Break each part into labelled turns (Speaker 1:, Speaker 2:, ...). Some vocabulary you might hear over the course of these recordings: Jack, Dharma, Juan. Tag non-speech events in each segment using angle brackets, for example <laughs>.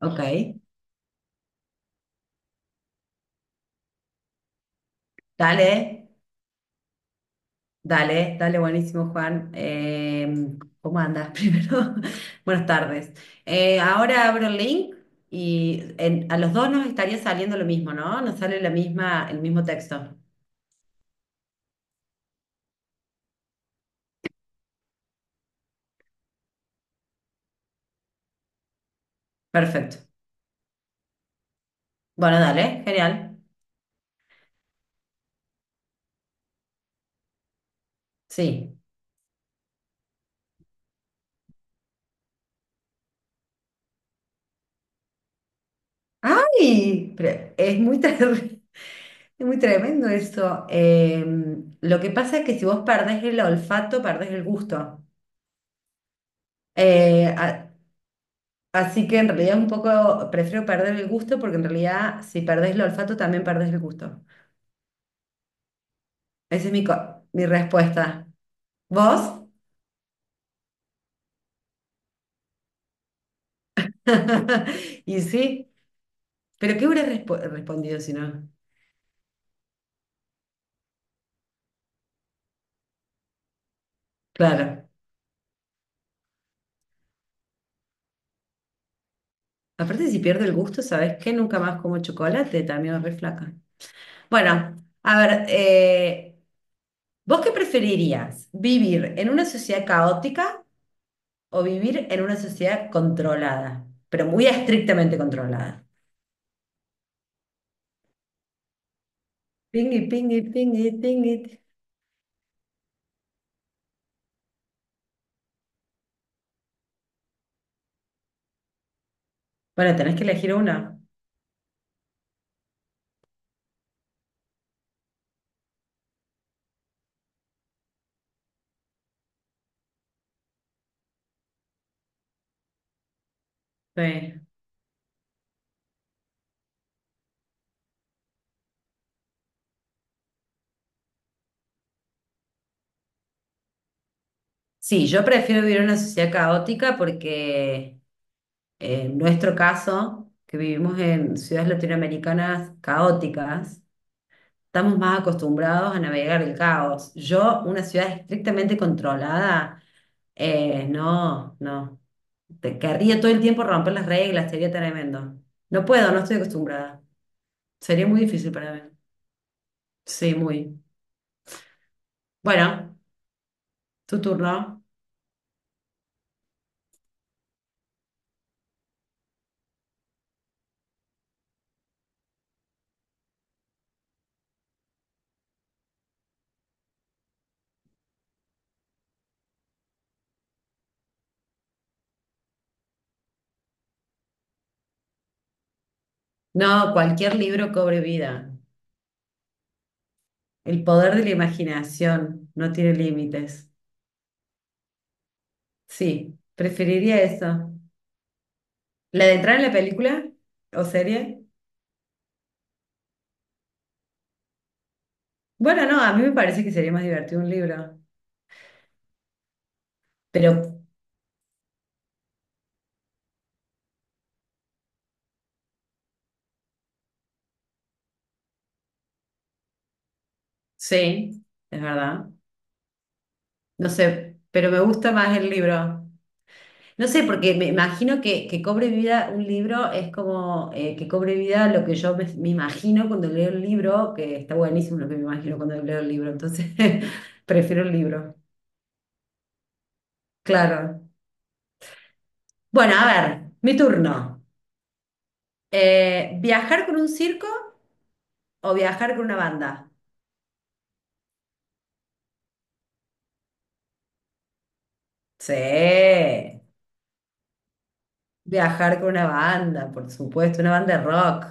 Speaker 1: Ok, dale, dale, dale, buenísimo, Juan. ¿Cómo andas <laughs> primero? Buenas tardes. Ahora abro el link y a los dos nos estaría saliendo lo mismo, ¿no? Nos sale la misma, el mismo texto. Perfecto. Bueno, dale, genial. Sí. ¡Ay! Pero es muy, <laughs> es muy tremendo eso. Lo que pasa es que si vos perdés el olfato, perdés el gusto. Eh, a- Así que en realidad es un poco, prefiero perder el gusto porque en realidad si perdés el olfato también perdés el gusto. Esa es mi, mi respuesta. ¿Vos? <laughs> Y sí, pero ¿qué hubieras respondido si no? Claro. Aparte, si pierdo el gusto, ¿sabes qué? Nunca más como chocolate, también es re flaca. Bueno, a ver, ¿vos qué preferirías? ¿Vivir en una sociedad caótica o vivir en una sociedad controlada, pero muy estrictamente controlada? Pingui, pingui, pingui, pingui. Bueno, tenés que elegir una. Sí. Sí, yo prefiero vivir en una sociedad caótica porque en nuestro caso, que vivimos en ciudades latinoamericanas caóticas, estamos más acostumbrados a navegar el caos. Yo, una ciudad estrictamente controlada, no, no. Te querría todo el tiempo romper las reglas, sería tremendo. No puedo, no estoy acostumbrada. Sería muy difícil para mí. Sí, muy. Bueno. ¿Tu turno? No, cualquier libro cobre vida. El poder de la imaginación no tiene límites. Sí, preferiría eso. ¿La de entrar en la película o serie? Bueno, no, a mí me parece que sería más divertido un libro. Pero sí, es verdad. No sé, pero me gusta más el libro. No sé, porque me imagino que cobre vida un libro es como que cobre vida lo que yo me, me imagino cuando leo el libro, que está buenísimo lo que me imagino cuando leo el libro, entonces <laughs> prefiero el libro. Claro. Bueno, a ver, mi turno. ¿Viajar con un circo o viajar con una banda? Sí, viajar con una banda, por supuesto, una banda de rock.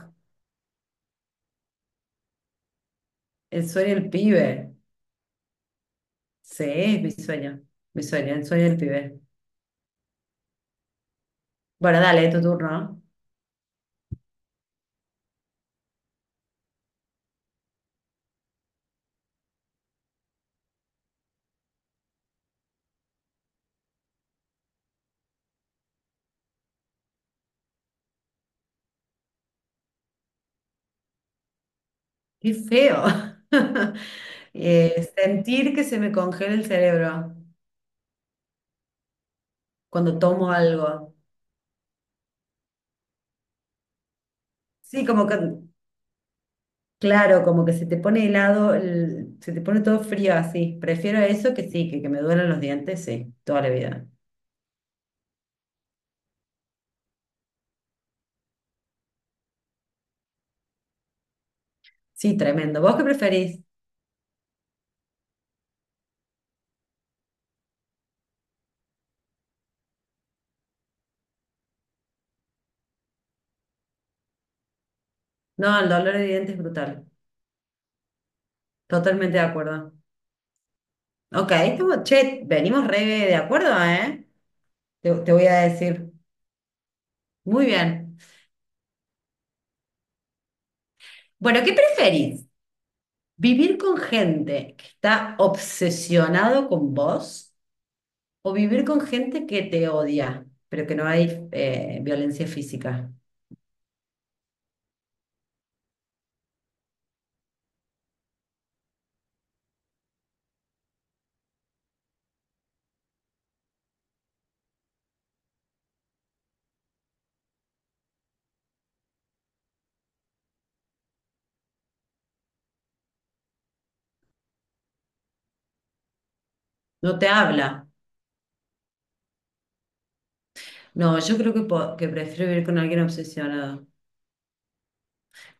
Speaker 1: El sueño del pibe. Sí, es mi sueño, el sueño del pibe. Bueno, dale, tu turno. Qué feo. <laughs> Sentir que se me congela el cerebro cuando tomo algo. Sí, como que, claro, como que se te pone helado, el- se te pone todo frío así. Prefiero eso que sí, que me duelen los dientes, sí, toda la vida. Sí, tremendo. ¿Vos qué preferís? No, el dolor de dientes es brutal. Totalmente de acuerdo. Ok, estamos, che, venimos re de acuerdo, ¿eh? Te voy a decir. Muy bien. Bueno, ¿qué preferís? ¿Vivir con gente que está obsesionado con vos o vivir con gente que te odia, pero que no hay violencia física? No te habla. No, yo creo que, que prefiero vivir con alguien obsesionado.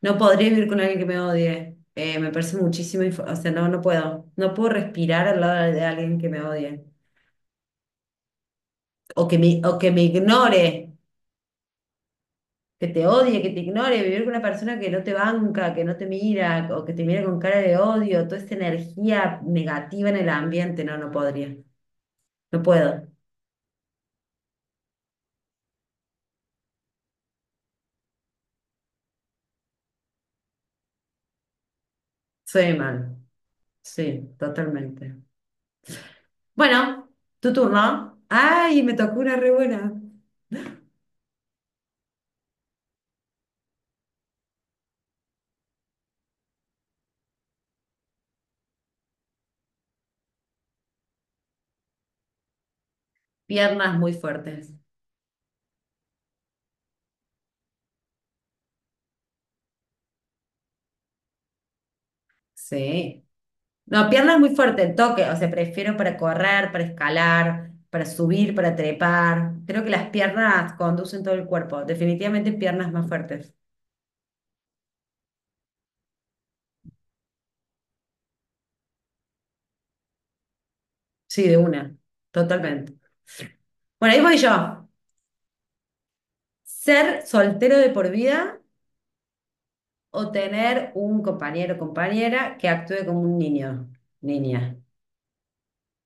Speaker 1: No podría vivir con alguien que me odie. Me parece muchísimo, o sea, no, no puedo. No puedo respirar al lado de alguien que me odie o que me ignore. Que te odie, que te ignore, vivir con una persona que no te banca, que no te mira, o que te mira con cara de odio, toda esta energía negativa en el ambiente, no, no podría, no puedo, soy mal, sí, totalmente. Bueno, tu turno. Ay, me tocó una re buena. Piernas muy fuertes. Sí. No, piernas muy fuertes, el toque. O sea, prefiero para correr, para escalar, para subir, para trepar. Creo que las piernas conducen todo el cuerpo. Definitivamente piernas más fuertes. Sí, de una, totalmente. Bueno, ahí voy yo. ¿Ser soltero de por vida o tener un compañero o compañera que actúe como un niño? Niña.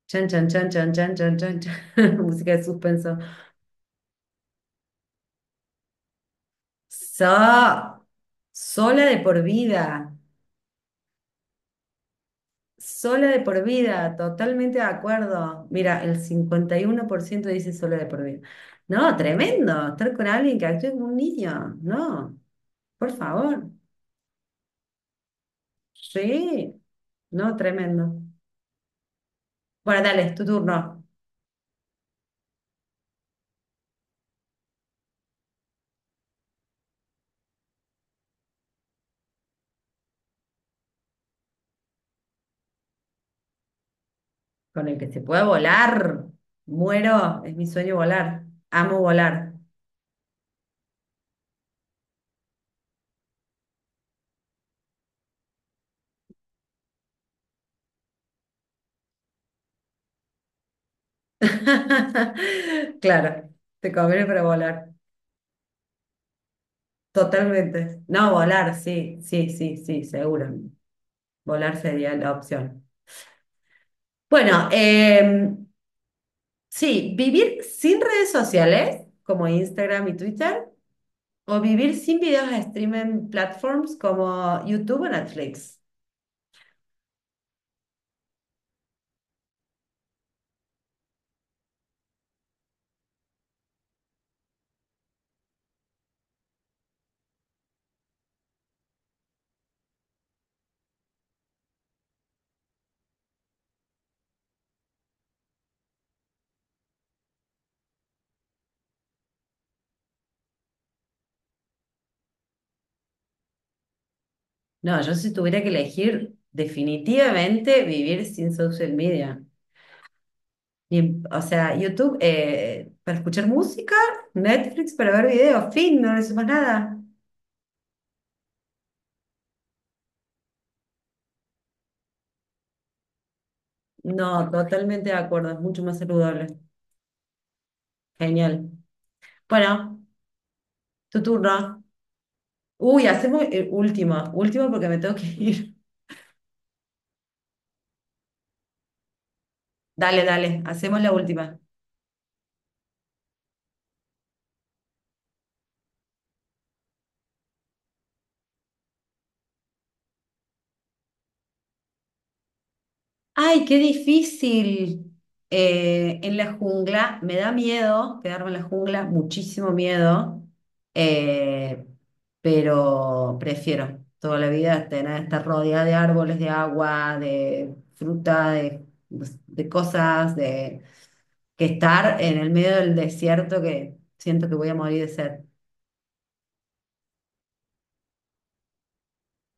Speaker 1: Chan, chan, chan, chan, chan, chan, chan, chan. <laughs> Música de suspenso. So, sola de por vida. Sola de por vida. Totalmente de acuerdo. Mira, el 51% dice sola de por vida. No, tremendo. Estar con alguien que actúe como un niño. No, por favor. Sí, no, tremendo. Bueno, dale, es tu turno. Con el que se puede volar. Muero, es mi sueño volar. Amo volar. <laughs> Claro, te conviene para volar. Totalmente. No, volar, sí, sí, sí, sí, seguro. Volar sería la opción. Bueno, sí, vivir sin redes sociales como Instagram y Twitter o vivir sin videos a streaming platforms como YouTube o Netflix. No, yo si tuviera que elegir, definitivamente vivir sin social media. Ni o sea, YouTube para escuchar música, Netflix para ver videos, fin, no necesito más nada. No, totalmente de acuerdo, es mucho más saludable. Genial. Bueno, tu turno. Uy, hacemos última, última porque me tengo que ir. <laughs> Dale, dale, hacemos la última. Ay, qué difícil. En la jungla, me da miedo quedarme en la jungla, muchísimo miedo, Eh, pero prefiero toda la vida tener, estar rodeada de árboles, de agua, de fruta, de, pues, de cosas, de, que estar en el medio del desierto que siento que voy a morir de sed.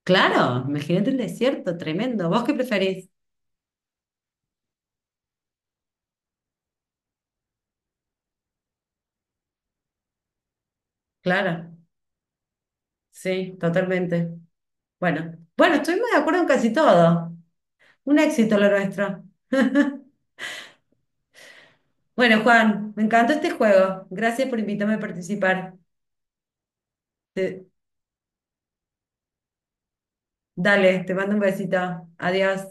Speaker 1: Claro, imagínate el desierto, tremendo. ¿Vos qué preferís? Claro, sí, totalmente. Bueno, bueno, estuvimos de acuerdo en casi todo. Un éxito lo nuestro. <laughs> Bueno, Juan, me encantó este juego. Gracias por invitarme a participar. Te- dale, te mando un besito. Adiós.